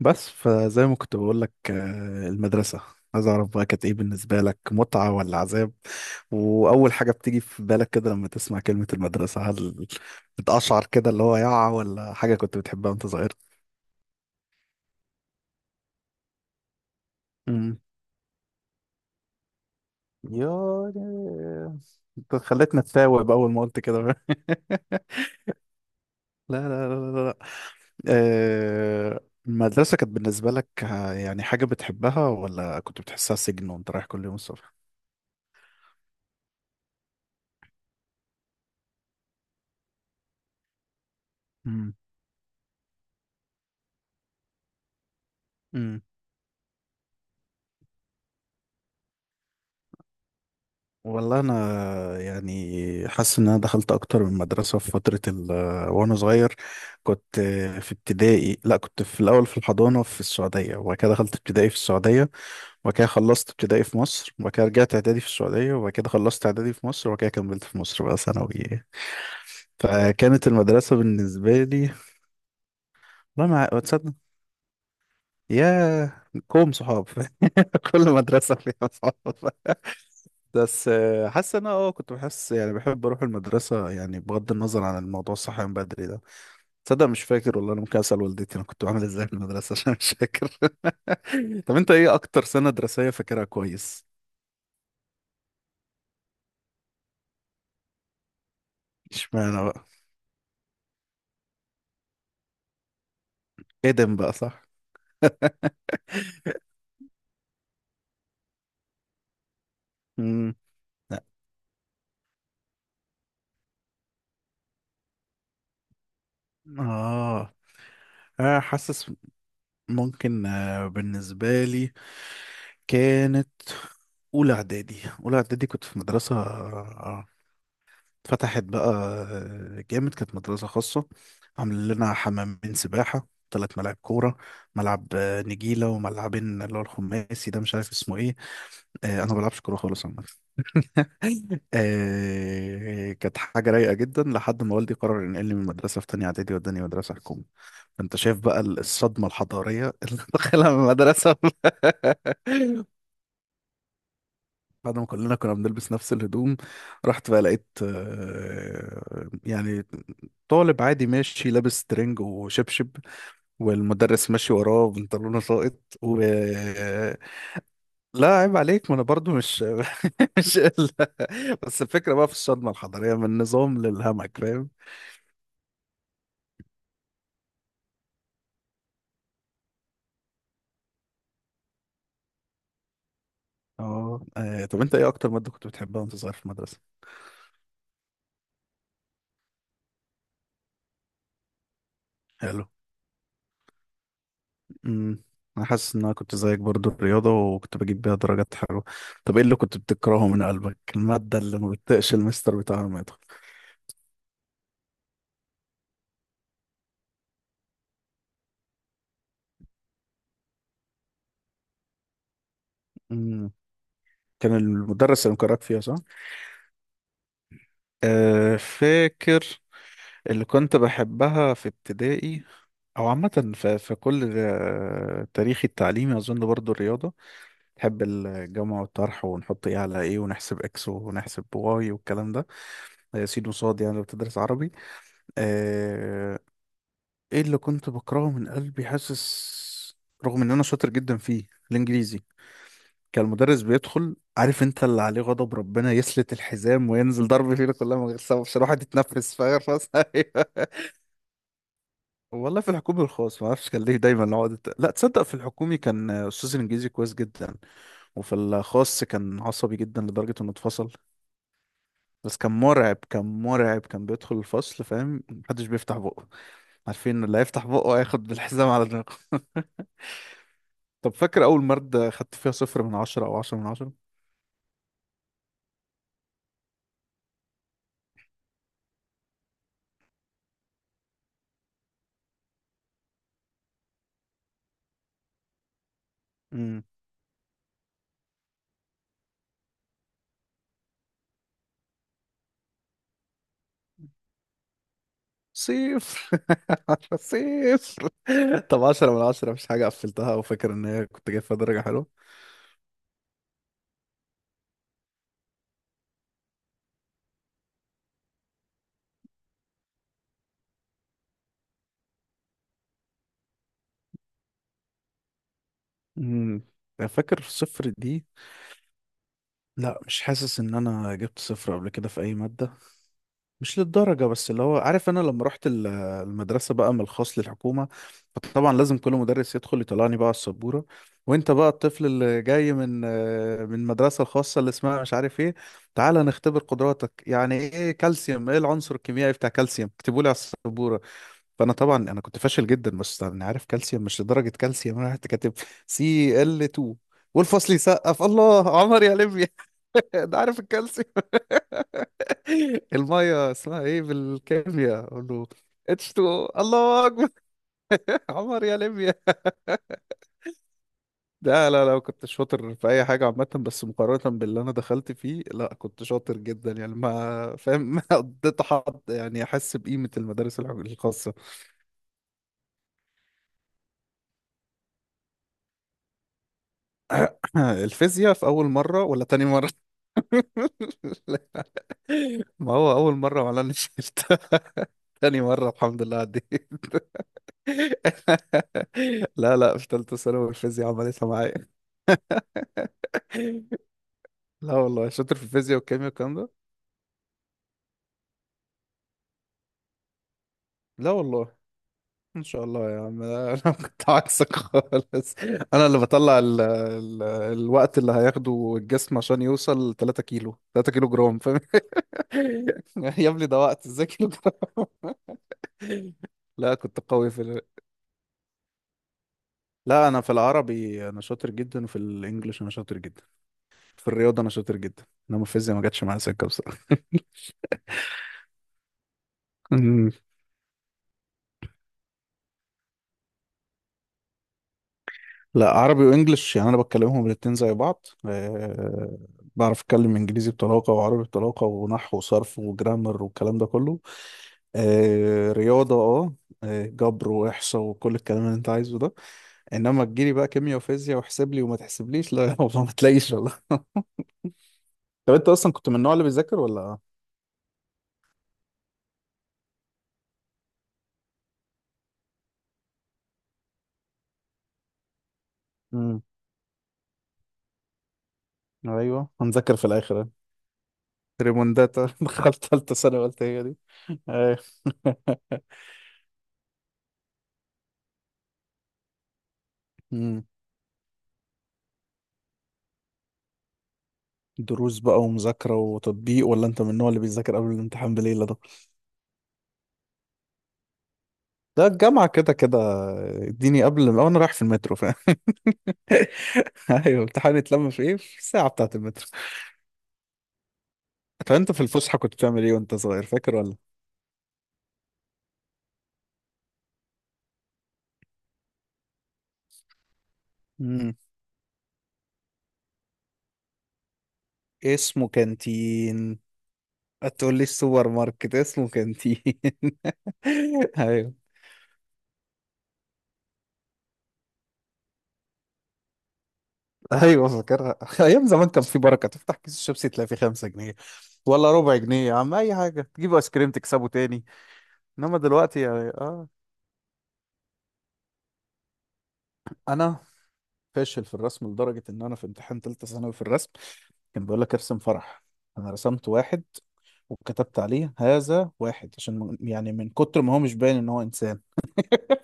بس فزي ما كنت بقول لك المدرسة. عايز أعرف بقى كانت إيه بالنسبة لك، متعة ولا عذاب؟ وأول حاجة بتيجي في بالك كده لما تسمع كلمة المدرسة، هل بتقشعر كده اللي هو يعة ولا حاجة كنت بتحبها وأنت صغير؟ امم يا، انت خليتنا نتساوب أول ما قلت كده. لا لا آه، المدرسة كانت بالنسبة لك، يعني حاجة بتحبها ولا كنت بتحسها سجن وأنت رايح كل يوم الصبح؟ امم والله انا يعني حاسس ان انا دخلت اكتر من مدرسه في فتره ال آه، وانا صغير. كنت في ابتدائي، لا كنت في الاول في الحضانه في السعوديه، وبعد كده دخلت ابتدائي في السعوديه، وبعد كده خلصت ابتدائي في مصر، وبعد كده رجعت اعدادي في السعوديه، وبعد كده خلصت اعدادي في مصر، وبعد كده كملت في مصر بقى ثانوي. فكانت المدرسه بالنسبه لي، والله ما تصدق، يا كوم صحاب. كل مدرسه فيها صحاب. بس حاسس ان انا كنت بحس يعني بحب اروح المدرسه، يعني بغض النظر عن الموضوع الصحي من بدري ده. تصدق مش فاكر والله، انا ممكن اسال والدتي انا كنت بعمل ازاي في المدرسه عشان مش فاكر. طب انت ايه اكتر سنه دراسيه فاكرها كويس؟ اشمعنى بقى؟ ادم بقى، صح. امم لا. اه حاسس ممكن، بالنسبه لي كانت اولى اعدادي. اولى اعدادي كنت في مدرسه فتحت بقى جامد، كانت مدرسة خاصة، عاملين لنا حمامين سباحة، ثلاث ملاعب كورة، ملعب نجيلة، وملعبين اللي هو الخماسي ده مش عارف اسمه ايه. انا ما بلعبش كورة خالص عامة. كانت حاجة رايقة جدا لحد ما والدي قرر ينقلني من مدرسة في تانية إعدادي وداني مدرسة حكومي. فأنت شايف بقى الصدمة الحضارية اللي دخلها من المدرسة. بعد ما كلنا كنا بنلبس نفس الهدوم، رحت بقى لقيت يعني طالب عادي ماشي لابس ترنج وشبشب، والمدرس ماشي وراه بنطلونه ساقط و… لا عيب عليك، ما انا برضو مش مش بس الفكرة بقى في الصدمة الحضارية من النظام للهمك، فاهم. طب انت ايه اكتر مادة كنت بتحبها وانت صغير في المدرسة؟ حلو. امم انا حاسس ان انا كنت زيك برضو الرياضة، وكنت بجيب بيها درجات حلوة. طب ايه اللي كنت بتكرهه من قلبك، المادة اللي ما بتطيقش المستر بتاعها لما يدخل؟ امم كان المدرس اللي مكرهك فيها، صح؟ أه فاكر. اللي كنت بحبها في ابتدائي او عامه في في كل تاريخي التعليمي اظن برضو الرياضه. بحب الجمع والطرح ونحط ايه على ايه ونحسب اكس ونحسب واي والكلام ده، سين وصاد يعني لو بتدرس عربي. آه، ايه اللي كنت بكرهه من قلبي، حاسس رغم ان انا شاطر جدا فيه، الانجليزي. كان المدرس بيدخل عارف انت اللي عليه غضب ربنا، يسلت الحزام وينزل ضرب فينا كلها من غير سبب عشان الواحد يتنفس، فاهم. والله في الحكومي والخاص ما اعرفش كان ليه دايما العقد لا تصدق، في الحكومي كان استاذ الانجليزي كويس جدا، وفي الخاص كان عصبي جدا لدرجة انه اتفصل. بس كان مرعب، كان مرعب. كان بيدخل الفصل فاهم محدش بيفتح بقه، عارفين إن اللي هيفتح بقه هياخد بالحزام على دماغه. طب فاكر اول مادة خدت فيها صفر من عشرة او عشرة من عشرة؟ امم صفر. صفر. طب عشرة من عشرة مش حاجة قفلتها وفاكر ان هي كنت جايب فيها درجة حلوة؟ امم فاكر صفر دي؟ لا مش حاسس ان انا جبت صفر قبل كده في اي ماده. مش للدرجه، بس اللي هو عارف انا لما رحت المدرسه بقى من الخاص للحكومه، فطبعا لازم كل مدرس يدخل يطلعني بقى على السبوره. وانت بقى الطفل اللي جاي من من المدرسه الخاصه اللي اسمها مش عارف ايه، تعالى نختبر قدراتك. يعني ايه كالسيوم، ايه العنصر الكيميائي بتاع كالسيوم، اكتبوا لي على السبوره. فانا طبعا كنت فاشل جدا، بس انا عارف كالسيوم، مش لدرجه كالسيوم. انا رحت كاتب سي ال 2، والفصل يسقف الله، عمر يا ليبيا. ده عارف الكالسيوم. الميه اسمها ايه بالكيمياء، اقول له اتش 2. الله اكبر. عمر يا ليبيا. لا كنت شاطر في اي حاجه عامه، بس مقارنه باللي انا دخلت فيه لا كنت شاطر جدا يعني، ما فاهم ما قضيت حد يعني احس بقيمه المدارس الخاصه. الفيزياء في اول مره ولا تاني مره؟ ما هو أول مرة ما أنا شلتها. تاني مرة الحمد لله عديت. لا في تالتة ثانوي الفيزياء عملتها معايا. لا والله شاطر في الفيزياء والكيمياء والكلام ده. لا والله. ان شاء الله يا عم. لا، انا كنت عكسك خالص. انا اللي بطلع ال الوقت اللي هياخده الجسم عشان يوصل 3 كيلو، 3 كيلو جرام، فاهم. يا ابني ده وقت ازاي كيلو جرام. لا كنت قوي في… لا انا في العربي انا شاطر جدا، وفي الانجليش انا شاطر جدا، في الرياضه انا شاطر جدا، انما الفيزياء ما جاتش معايا سكه بصراحه. لا عربي وانجليش يعني انا بتكلمهم الاتنين زي بعض، أه. بعرف اتكلم انجليزي بطلاقه وعربي بطلاقه ونحو وصرف وجرامر والكلام ده كله. أه رياضه، جبر واحصاء وكل الكلام اللي انت عايزه ده. انما تجيلي بقى كيمياء وفيزياء واحسب لي وما تحسبليش، لا والله ما تلاقيش والله. طب انت اصلا كنت من النوع اللي بيذاكر ولا؟ امم ايوه هنذاكر في الاخر، ريمونداتا. دخلت ثالثة ثانوي قلت هي دي. أيوة. مم. دروس بقى ومذاكرة وتطبيق ولا انت من النوع اللي بيذاكر قبل الامتحان بليلة ده؟ ده الجامعة كده كده، اديني قبل ما انا رايح في المترو فاهم. ايوه امتحان اتلم في ايه، في الساعة بتاعة المترو. طب انت في الفسحة كنت بتعمل ايه وانت صغير فاكر ولا؟ مم. اسمه كانتين. هتقول لي السوبر ماركت اسمه كانتين. ايوه. ايوه فاكرها. ايام زمان كان في بركه، تفتح كيس الشيبسي تلاقي فيه 5 جنيه ولا ربع جنيه، يا عم اي حاجه تجيب ايس كريم تكسبه تاني. انما دلوقتي يعني اه. انا فاشل في الرسم لدرجه ان انا في امتحان ثالثه ثانوي في الرسم كان بيقول لك ارسم فرح، انا رسمت واحد وكتبت عليه هذا واحد عشان يعني من كتر ما هو مش باين ان هو انسان.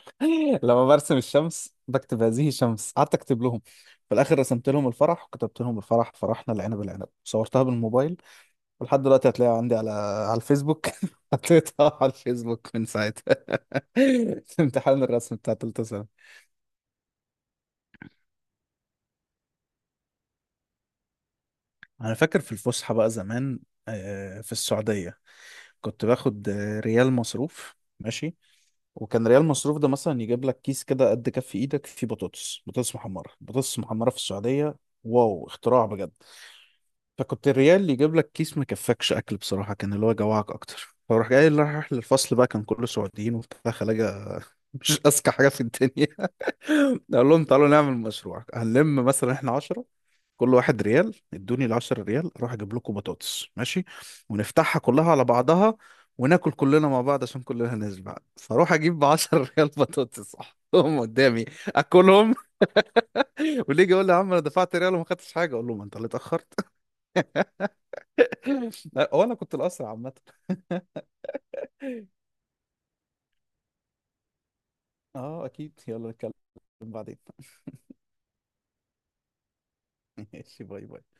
لما برسم الشمس بكتب هذه شمس، قعدت اكتب لهم. في الاخر رسمت لهم الفرح وكتبت لهم الفرح، فرحنا العنب العنب، صورتها بالموبايل ولحد دلوقتي هتلاقيه عندي على على الفيسبوك. حطيتها على الفيسبوك من ساعتها. امتحان الرسم بتاع تالتة سنة. انا فاكر في الفسحه بقى زمان في السعوديه كنت باخد ريال مصروف ماشي. وكان ريال مصروف ده مثلا يجيب لك كيس كده قد كف ايدك فيه بطاطس، بطاطس محمرة، بطاطس محمرة في السعودية، واو اختراع بجد. فكنت الريال يجيب لك كيس ما كفكش اكل بصراحة، كان اللي هو جوعك اكتر. فروح جاي اللي رايح للفصل بقى كان كله سعوديين وبتاع خلاجة، مش اذكى حاجة في الدنيا. اقول لهم تعالوا نعمل مشروع، هنلم مثلا احنا 10، كل واحد ريال ادوني ال 10 ريال اروح اجيب لكم بطاطس ماشي، ونفتحها كلها على بعضها وناكل كلنا مع بعض عشان كلنا نشبع. فاروح اجيب ب 10 ريال بطاطس احطهم قدامي اكلهم. واللي يجي يقول لي يا عم انا دفعت ريال وما خدتش حاجه، اقول له ما انت اللي اتاخرت. لا، هو انا كنت الاسرع عامه. اه اكيد يلا نتكلم بعدين. ماشي باي باي.